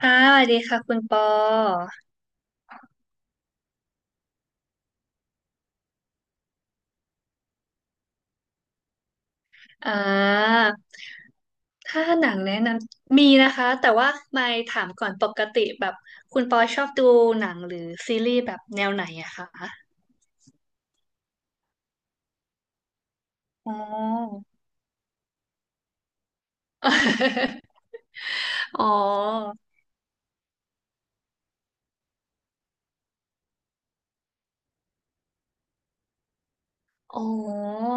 ค่ะสวัสดีค่ะคุณปออ่าถ้าหนังแนะนำมีนะคะแต่ว่าไม่ถามก่อนปกติแบบคุณปอชอบดูหนังหรือซีรีส์แบบแนวไหนอะคะอ๋อ อ๋ออ๋อ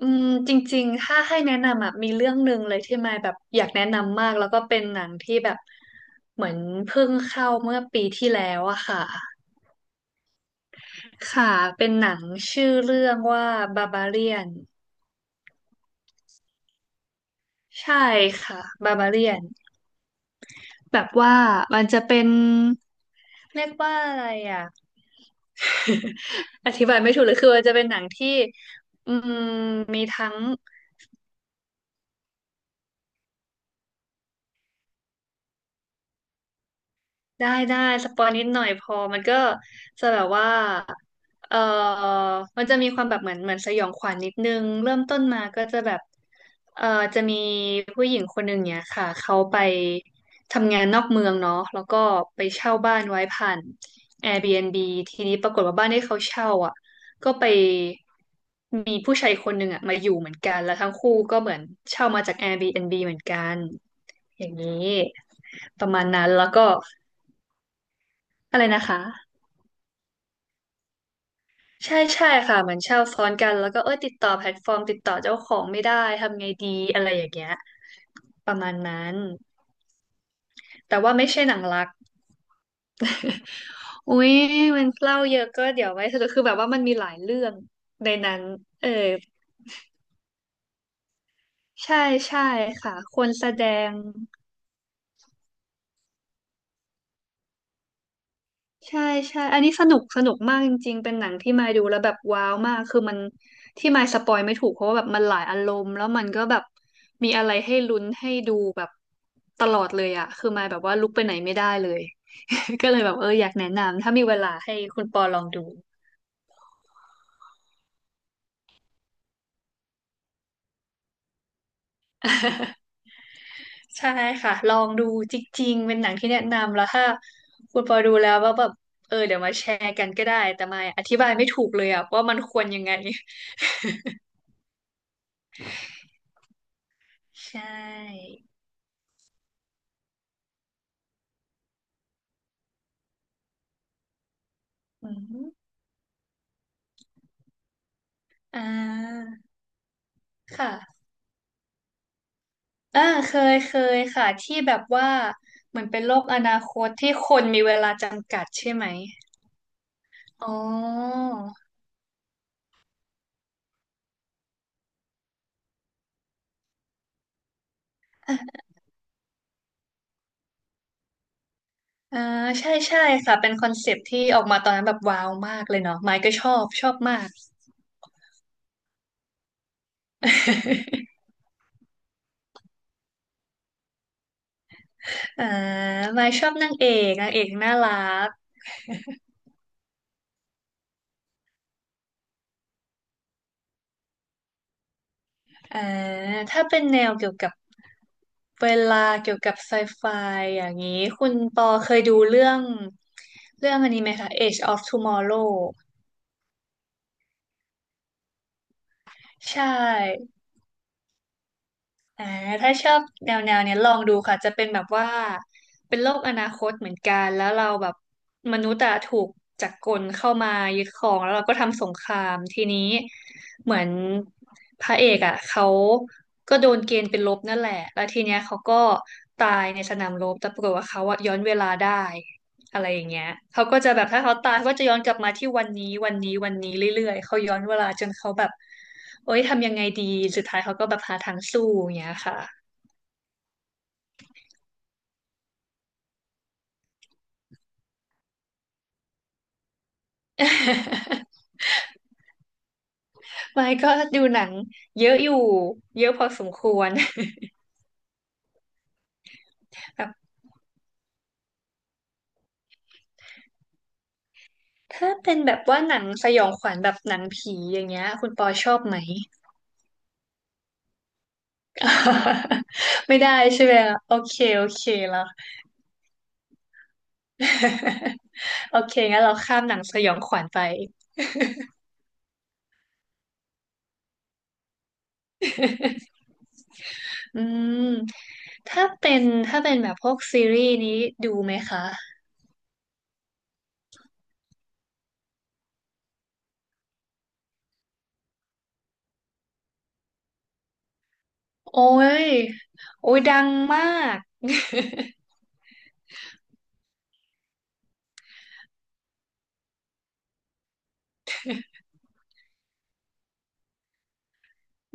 จริงๆถ้าให้แนะนำอะมีเรื่องหนึ่งเลยที่ไม่แบบอยากแนะนำมากแล้วก็เป็นหนังที่แบบเหมือนเพิ่งเข้าเมื่อปีที่แล้วอะค่ะ ค่ะ เป็นหนังชื่อเรื่องว่าบาบาเลียนใช่ค่ะบาบาเลียนแบบว่ามันจะเป็นเรียกว่าอะไรอ่ะ อธิบายไม่ถูกเลยคือมันจะเป็นหนังที่อืมมีทั้ง ได้ได้สปอยนิดหน่อยพอมันก็จะแบบว่าเออมันจะมีความแบบเหมือนสยองขวัญนิดนึงเริ่มต้นมาก็จะแบบเออจะมีผู้หญิงคนหนึ่งเนี่ยค่ะเขาไปทำงานนอกเมืองเนาะแล้วก็ไปเช่าบ้านไว้ผ่าน a i r b บีแอนด์บีทีนี้ปรากฏว่าบ้านที่เขาเช่าอ่ะก็ไปมีผู้ชายคนหนึ่งอ่ะมาอยู่เหมือนกันแล้วทั้งคู่ก็เหมือนเช่ามาจาก a i r b บีแอนด์บีเหมือนกันอย่างนี้ประมาณนั้นแล้วก็ อะไรนะคะใช่ใช่ค่ะเหมือนเช่าซ้อนกันแล้วก็เอ้ยติดต่อแพลตฟอร์มติดต่อเจ้าของไม่ได้ทำไงดีอะไรอย่างเงี้ยประมาณนั้นแต่ว่าไม่ใช่หนังรัก อุ๊ยมันเล่าเยอะก็เดี๋ยวไว้สรุปคือแบบว่ามันมีหลายเรื่องในนั้นเออใช่ใช่ค่ะคนแสดง ใช่ใช่ อันนี้สนุกสนุกมากจริงๆเป็นหนังที่มายดูแล้วแบบว้าวมากคือมันที่มายสปอยไม่ถูกเพราะว่าแบบมันหลายอารมณ์แล้วมันก็แบบมีอะไรให้ลุ้นให้ดูแบบตลอดเลยอะคือมายแบบว่าลุกไปไหนไม่ได้เลย ก็เลยแบบอยากแนะนำถ้ามีเวลาให้คุณปอลองดู ใช่ค่ะลองดูจริงๆเป็นหนังที่แนะนำแล้วถ้าคุณปอดูแล้วว่าแบบเดี๋ยวมาแชร์กันก็ได้แต่มายอธิบายไม่ถูกเลยอะว่ามันควรยังไง ใช่อืม อ่าค่ะอ่าเคยเคยค่ะ ที่แบบว่า เหมือนเป็นโลกอนาคตที่คนมีเวลาจำกัดใช่ไหม อ๋ออ่าใช่ใช่ค่ะเป็นคอนเซปต์ที่ออกมาตอนนั้นแบบว้าวมากเลยเนาะไมค์ก็ชอบ ชอบมาก อ่าไมค์ชอบนางเอกนางเอกน่ารักอ่าถ้าเป็นแนวเกี่ยวกับเวลาเกี่ยวกับไซไฟอย่างนี้ คุณปอเคยดูเรื่องอันนี้ไหมคะ Age of Tomorrow ใช่อ่าถ้าชอบแนวเนี้ยลองดูค่ะ จะเป็นแบบว่า เป็นโลกอนาคตเหมือนกัน แล้วเราแบบมนุษย์อะถูกจักรกลเข้ามายึดครองแล้วเราก็ทำสงคราม ทีนี้เหมือนพระเอกอะเขาก็โดนเกณฑ์เป็นลบนั่นแหละ แล้วทีเนี้ยเขาก็ตายในสนามรบแต่ปรากฏว่าเขาอะย้อนเวลาได้ อะไรอย่างเงี้ยเขาก็จะแบบถ้าเขาตายเขาก็จะย้อนกลับมาที่วันนี้วันนี้วันนี้เรื่อยๆเขาย้อนเวลาจนเขาแบบโอ๊ยทำยังไงดีสุดท้ายเขาก็แบบหาทางสู้อย่างเงี้ยค่ะ ไม่ก็ดูหนังเยอะอยู่เยอะพอสมควร แบบถ้าเป็นแบบว่าหนังสยองขวัญแบบหนังผีอย่างเงี้ยคุณปอชอบไหม ไม่ได้ใช่ไหมอะโอเคโอเคแล้ว โอเคงั้นเราข้ามหนังสยองขวัญไป อืมถ้าเป็นถ้าเป็นแบบพวกซีรีส์นี้ดูไหมคะโอ้ยโอ้ยดังมาก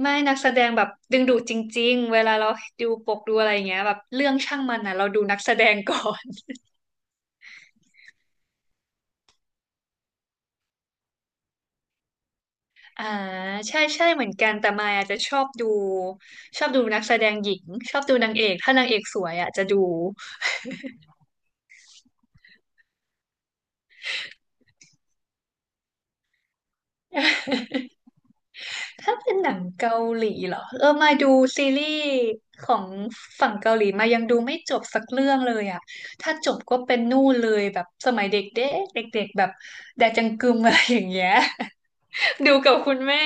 ไม่นักแสดงแบบดึงดูดจริงๆเวลาเราดูปกดูอะไรอย่างเงี้ยแบบเรื่องช่างมันนะเราดูนักแสดงก่อน อ่าใช่ใช่เหมือนกันแต่มายอาจจะชอบดูนักแสดงหญิงชอบดูนางเอกถ้านางเอกสวยอ่ะจะดู ถ้าเป็นหนังเกาหลีเหรอมาดูซีรีส์ของฝั่งเกาหลีมายังดูไม่จบสักเรื่องเลยอ่ะถ้าจบก็เป็นนู่นเลยแบบสมัยเด็กเด็กเด็กๆแบบแดจังกึม อะไรอย่างเงี้ย ดูกับคุณแม่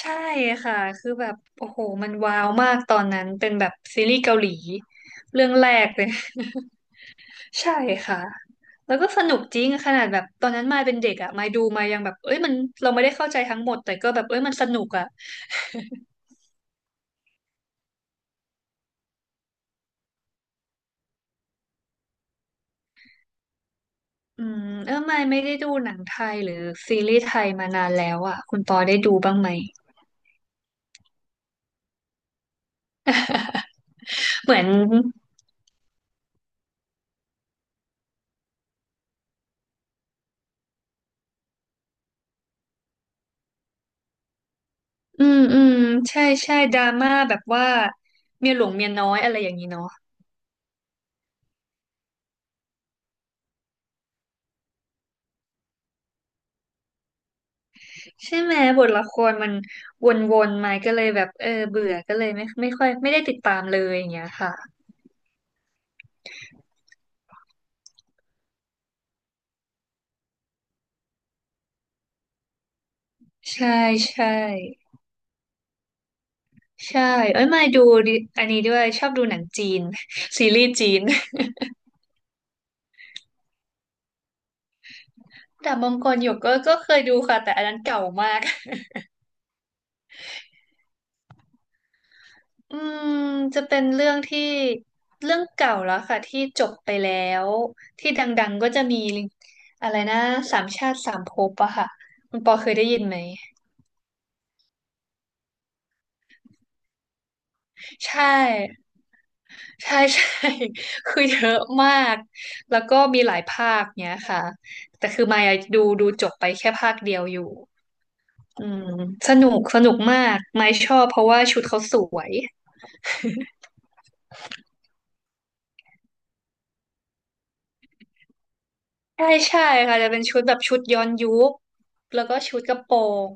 ใช่ค่ะคือแบบโอ้โหมันว้าวมากตอนนั้นเป็นแบบซีรีส์เกาหลีเรื่องแรกเลยใช่ค่ะแล้วก็สนุกจริงขนาดแบบตอนนั้นมายเป็นเด็กอ่ะมายดูมายยังแบบเอ้ยมันเราไม่ได้เข้าใจทั้งหมดแต่ก็แบบเอ้ยมันสนุกอ่ะ ไม่ได้ดูหนังไทยหรือซีรีส์ไทยมานานแล้วอ่ะคุณปอได้ดูบ้างไหม เหมือนอืมอืมใช่ใช่ดราม่าแบบว่าเมียหลวงเมียน้อยอะไรอย่างนี้เนาะใช่ไหมบทละครมันวนๆมาก็เลยแบบเออเบื่อก็เลยไม่ค่อยไม่ได้ติดตามเลยอย่างเงี้ยค่ะใช่ใช่ใช่เอ้ยมาดูดิอันนี้ด้วยชอบดูหนังจีน ซีรีส์จีน ดาบมังกรหยกก็เคยดูค่ะแต่อันนั้นเก่ามาก อืมจะเป็นเรื่องที่เรื่องเก่าแล้วค่ะที่จบไปแล้วที่ดังๆก็จะมีอะไรนะสามชาติสามภพอะค่ะคุณปอเคยได้ยินไหมใช่ใช่ ใช่ คือเยอะมากแล้วก็มีหลายภาคเนี้ยค่ะแต่คือมายดูจบไปแค่ภาคเดียวอยู่อืมสนุกสนุกมากมายชอบเพราะว่าชุดเขาสวย ใช่ใช่ค่ะจะเป็นชุดแบบชุดย้อนยุคแล้วก็ชุดกระโปรง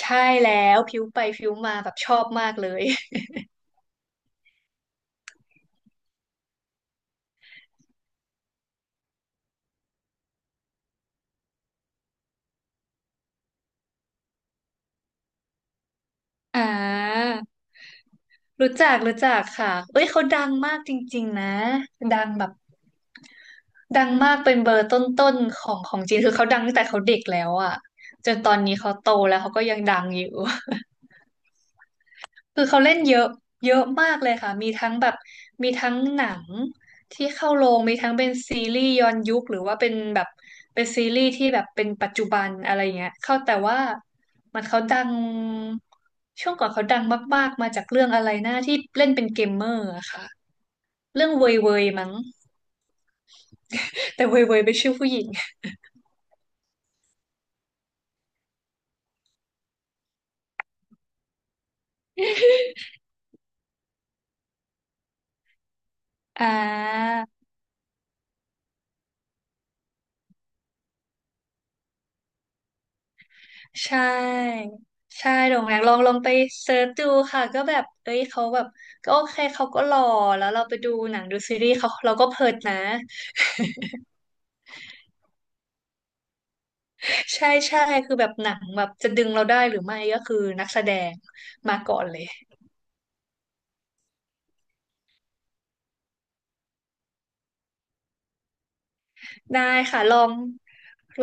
ใช่แล้วผิวไปผิวมาแบบชอบมากเลย อ่ารู้จักค่ะเอ้ยเขาดังมากจริงๆนะดังแบบดังมากเป็นเบอร์ต้นๆของจีนคือเขาดังตั้งแต่เขาเด็กแล้วอ่ะจนตอนนี้เขาโตแล้วเขาก็ยังดังอยู่ คือเขาเล่นเยอะเยอะมากเลยค่ะ มีทั้งแบบมีทั้งหนังที่เข้าโรงมีทั้งเป็นซีรีส์ย้อนยุคหรือว่าเป็นแบบเป็นซีรีส์ที่แบบเป็นปัจจุบันอะไรเงี้ยเข้าแต่ว่ามันเขาดังช่วงก่อนเขาดังมากๆมาจากเรื่องอะไรนะที่เล่นเป็นเกมเมอร์อะค่ะเรื่องเวยเวยมั้งแต่เวยเวยเป็นชื่อผู้หญิง อ่า ใช่ ใช่โด่งดังลองไปเซิร์ชดูค่ะ ก็แบบเอ้ยเขาแบบก็โอเคเขาก็หล่อแล้วเราไปดูหนังดูซีรีส์เขา เราก็เพลิดนะ ใช่ใช่คือแบบหนังแบบจะดึงเราได้หรือไม่ ก็คือนักแสดง มาก่อนเลย ได้ค่ะ ลอง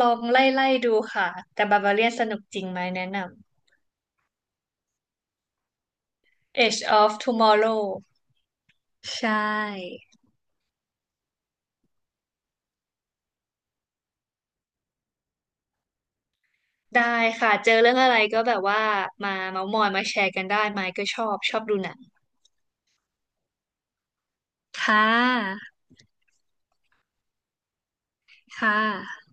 ลองไล่ดูค่ะ แต่บาบาเลียนสนุกจริงไหม แนะนำ Edge of Tomorrow ใช่ ได้ค่ะ เจอเรื่องอะไรก็แบบว่า มาเมาท์มอยมาแชร์กันได้ไหมก็ชอบดูหนังค่ะ ค่ะ